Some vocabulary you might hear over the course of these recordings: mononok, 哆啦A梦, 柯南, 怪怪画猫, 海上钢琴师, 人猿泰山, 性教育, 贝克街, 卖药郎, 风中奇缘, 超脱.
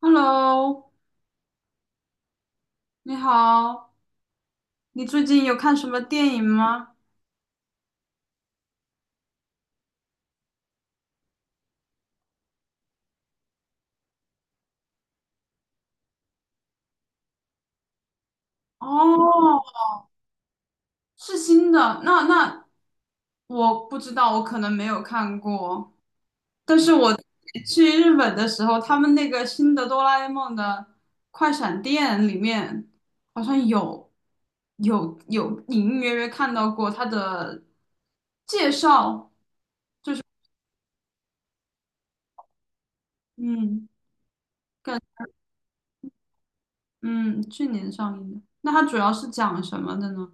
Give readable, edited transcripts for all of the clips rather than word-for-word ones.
Hello，你好，你最近有看什么电影吗？哦，是新的，那我不知道，我可能没有看过。但是我去日本的时候，他们那个新的哆啦 A 梦的快闪店里面，好像有隐隐约约看到过它的介绍。嗯，感嗯，去年上映的。那它主要是讲什么的呢？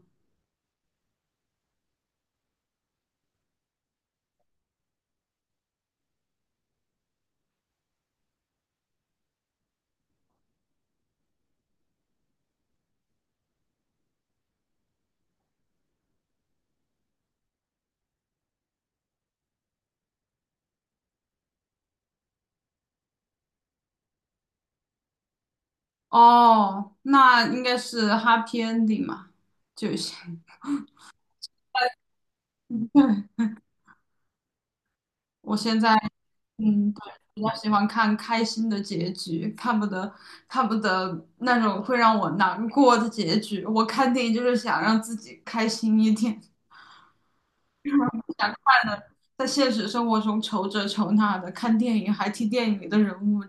哦，那应该是 happy ending 嘛，就行。对，我现在。嗯，对，比较喜欢看开心的结局，看不得那种会让我难过的结局。我看电影就是想让自己开心一点，不想快乐。在现实生活中愁这愁那的，看电影还替电影里的人物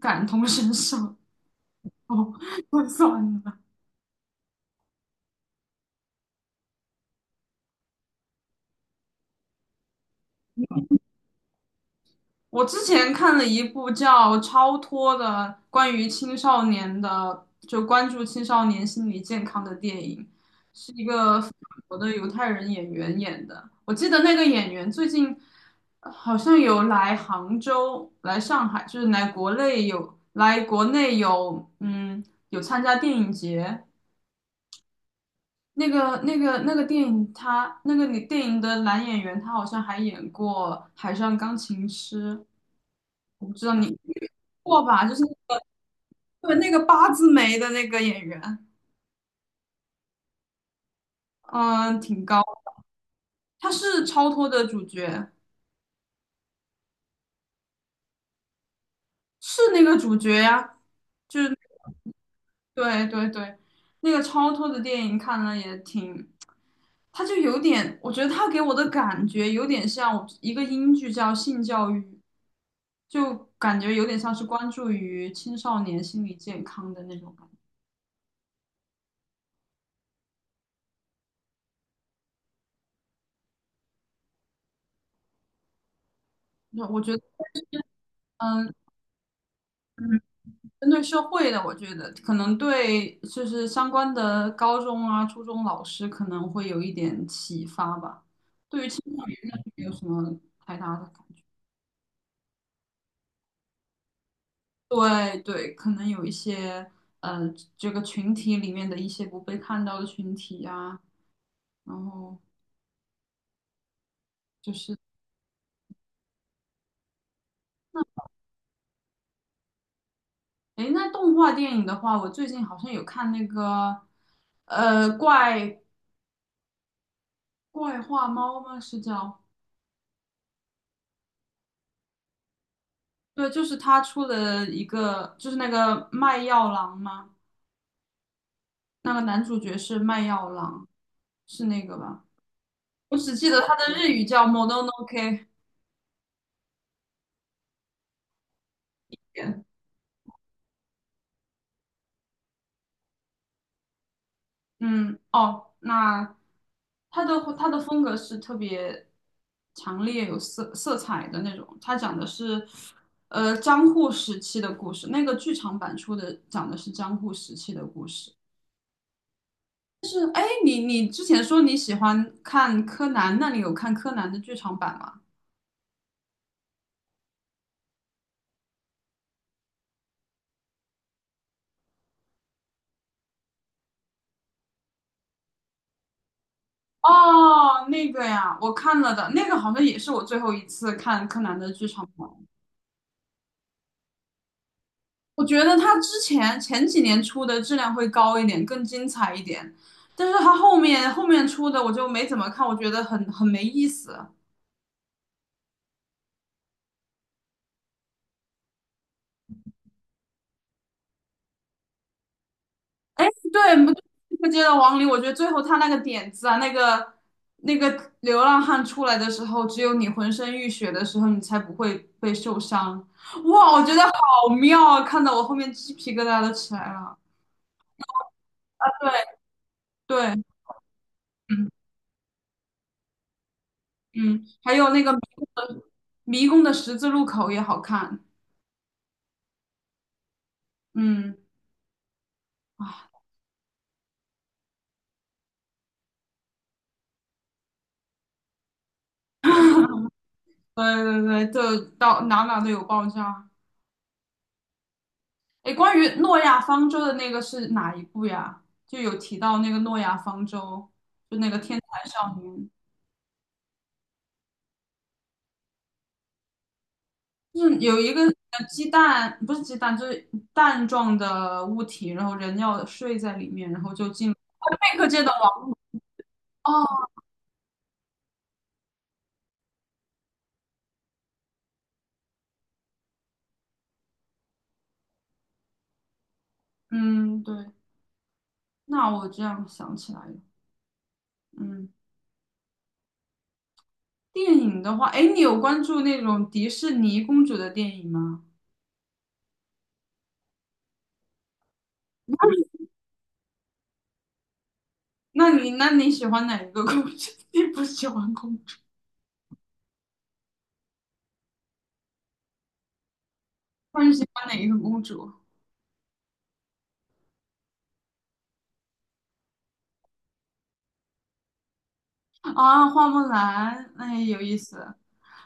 感同身受，哦，算了。我之前看了一部叫《超脱》的关于青少年的，就关注青少年心理健康的电影，是一个法国的犹太人演员演的。我记得那个演员最近好像有来杭州、来上海，就是来国内有参加电影节。那个电影他，那个女电影的男演员，他好像还演过《海上钢琴师》。我不知道你过吧，就是那个，对那个八字眉的那个演员，嗯，挺高，他是超脱的主角，是那个主角呀，就是对对对，那个超脱的电影看了也挺，他就有点，我觉得他给我的感觉有点像一个英剧叫《性教育》，就感觉有点像是关注于青少年心理健康的那种感觉，我觉得，嗯。嗯针对社会的，我觉得可能对就是相关的高中啊、初中老师可能会有一点启发吧。对于青少年的没有什么太大的感觉。对对，可能有一些呃这个群体里面的一些不被看到的群体啊，然后就是诶，那动画电影的话，我最近好像有看那个呃怪怪画猫吗？是叫？对，就是他出了一个，就是那个卖药郎吗？那个男主角是卖药郎，是那个吧？我只记得他的日语叫 m o n o n o k。 嗯，哦，那他的风格是特别强烈有色彩的那种。他讲的是，江户时期的故事。那个剧场版出的讲的是江户时期的故事。哎，你之前说你喜欢看柯南，那你有看柯南的剧场版吗？哦，那个呀，我看了的，那个好像也是我最后一次看柯南的剧场版。我觉得他之前前几年出的质量会高一点，更精彩一点，但是他后面出的我就没怎么看，我觉得很没意思。对，不就接到王林，我觉得最后他那个点子啊，那个流浪汉出来的时候，只有你浑身浴血的时候，你才不会被受伤。哇，我觉得好妙啊，看得我后面鸡皮疙瘩都起来了。对对。嗯。嗯，还有那个迷宫的十字路口也好看。嗯，啊对对对，就到哪哪都有爆炸。哎，关于诺亚方舟的那个是哪一部呀？就有提到那个诺亚方舟，就那个天才少年，就是有一个鸡蛋，不是鸡蛋，就是蛋状的物体，然后人要睡在里面，然后就进入贝克街的王国。哦，嗯，对，那我这样想起来了，嗯。电影的话，哎，你有关注那种迪士尼公主的电影吗？那你喜欢哪一个公主？你不喜欢公主，那你喜欢哪一个公主？啊，花木兰，那也有意思。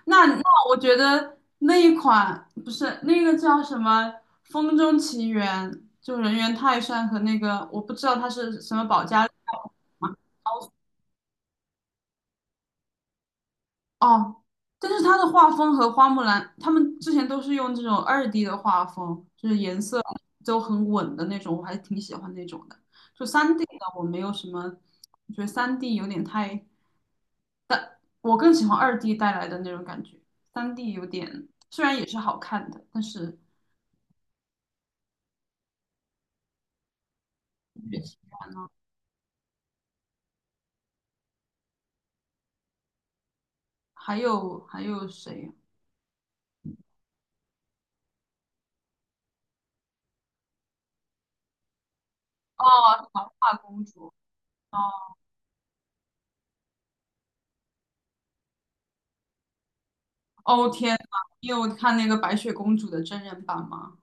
那我觉得那一款不是那个叫什么《风中奇缘》，就人猿泰山和那个我不知道它是什么保加利亚。哦，但是它的画风和花木兰，他们之前都是用这种二 D 的画风，就是颜色都很稳的那种，我还挺喜欢那种的。就三 D 的我没有什么，我觉得三 D 有点太，我更喜欢二 D 带来的那种感觉。三 D 有点，虽然也是好看的，但是还有谁呀？哦，长发公主。哦，哦天呐，你有看那个白雪公主的真人版吗？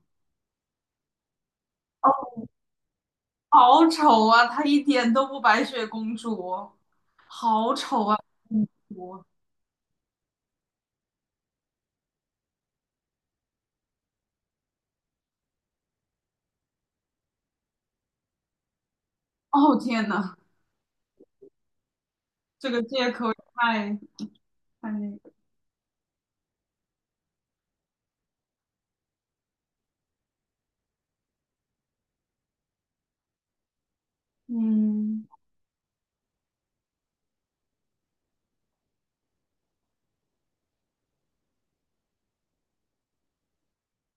好丑啊！她一点都不白雪公主，好丑啊！公主，哦天呐，这个借口也太那个，嗯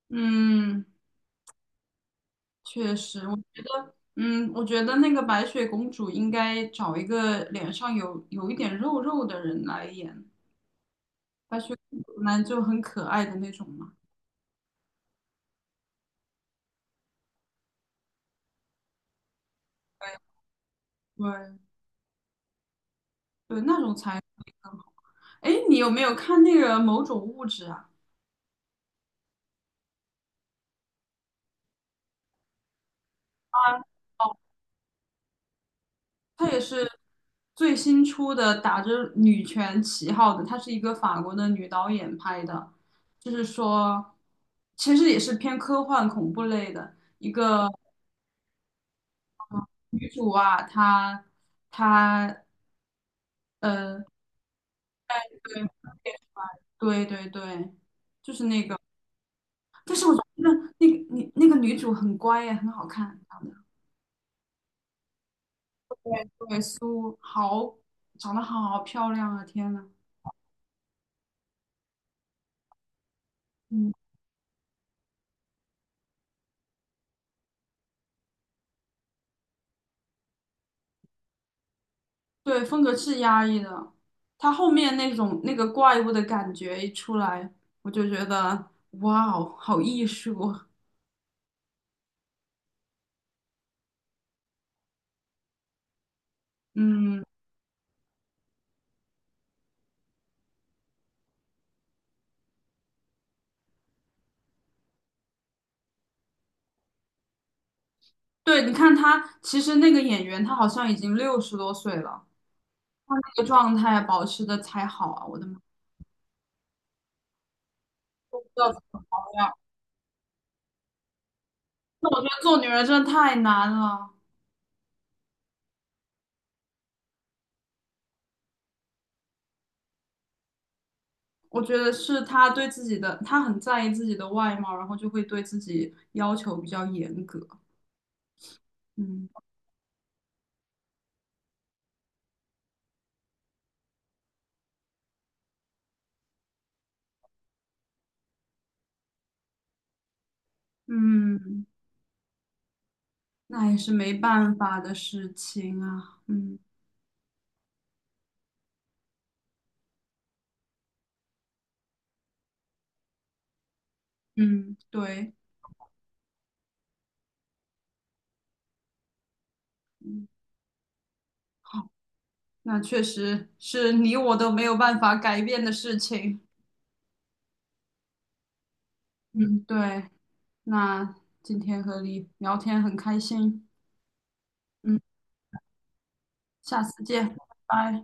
嗯，确实，我觉得那个白雪公主应该找一个脸上有一点肉肉的人来演，白雪公主呢就很可爱的那种嘛，对对对，那种才，哎，你有没有看那个某种物质啊？啊哦。她也是最新出的，打着女权旗号的，她是一个法国的女导演拍的，就是说，其实也是偏科幻恐怖类的。一个女主啊，她她呃，对对对对，就是那个，但是我觉得你那个女主很乖耶，很好看，长得对苏好，长得好漂亮啊！天呐，嗯。对，风格是压抑的，他后面那种那个怪物的感觉一出来，我就觉得哇哦，好艺术啊。嗯，对，你看他，其实那个演员他好像已经60多岁了，他那个状态啊保持的才好啊！我的妈，不知道怎么样。那我觉得做女人真的太难了。我觉得是他对自己的，他很在意自己的外貌，然后就会对自己要求比较严格。嗯嗯。那也是没办法的事情啊。嗯嗯，对，嗯，好，那确实是你我都没有办法改变的事情。嗯，对，那今天和你聊天很开心。嗯，下次见，拜拜。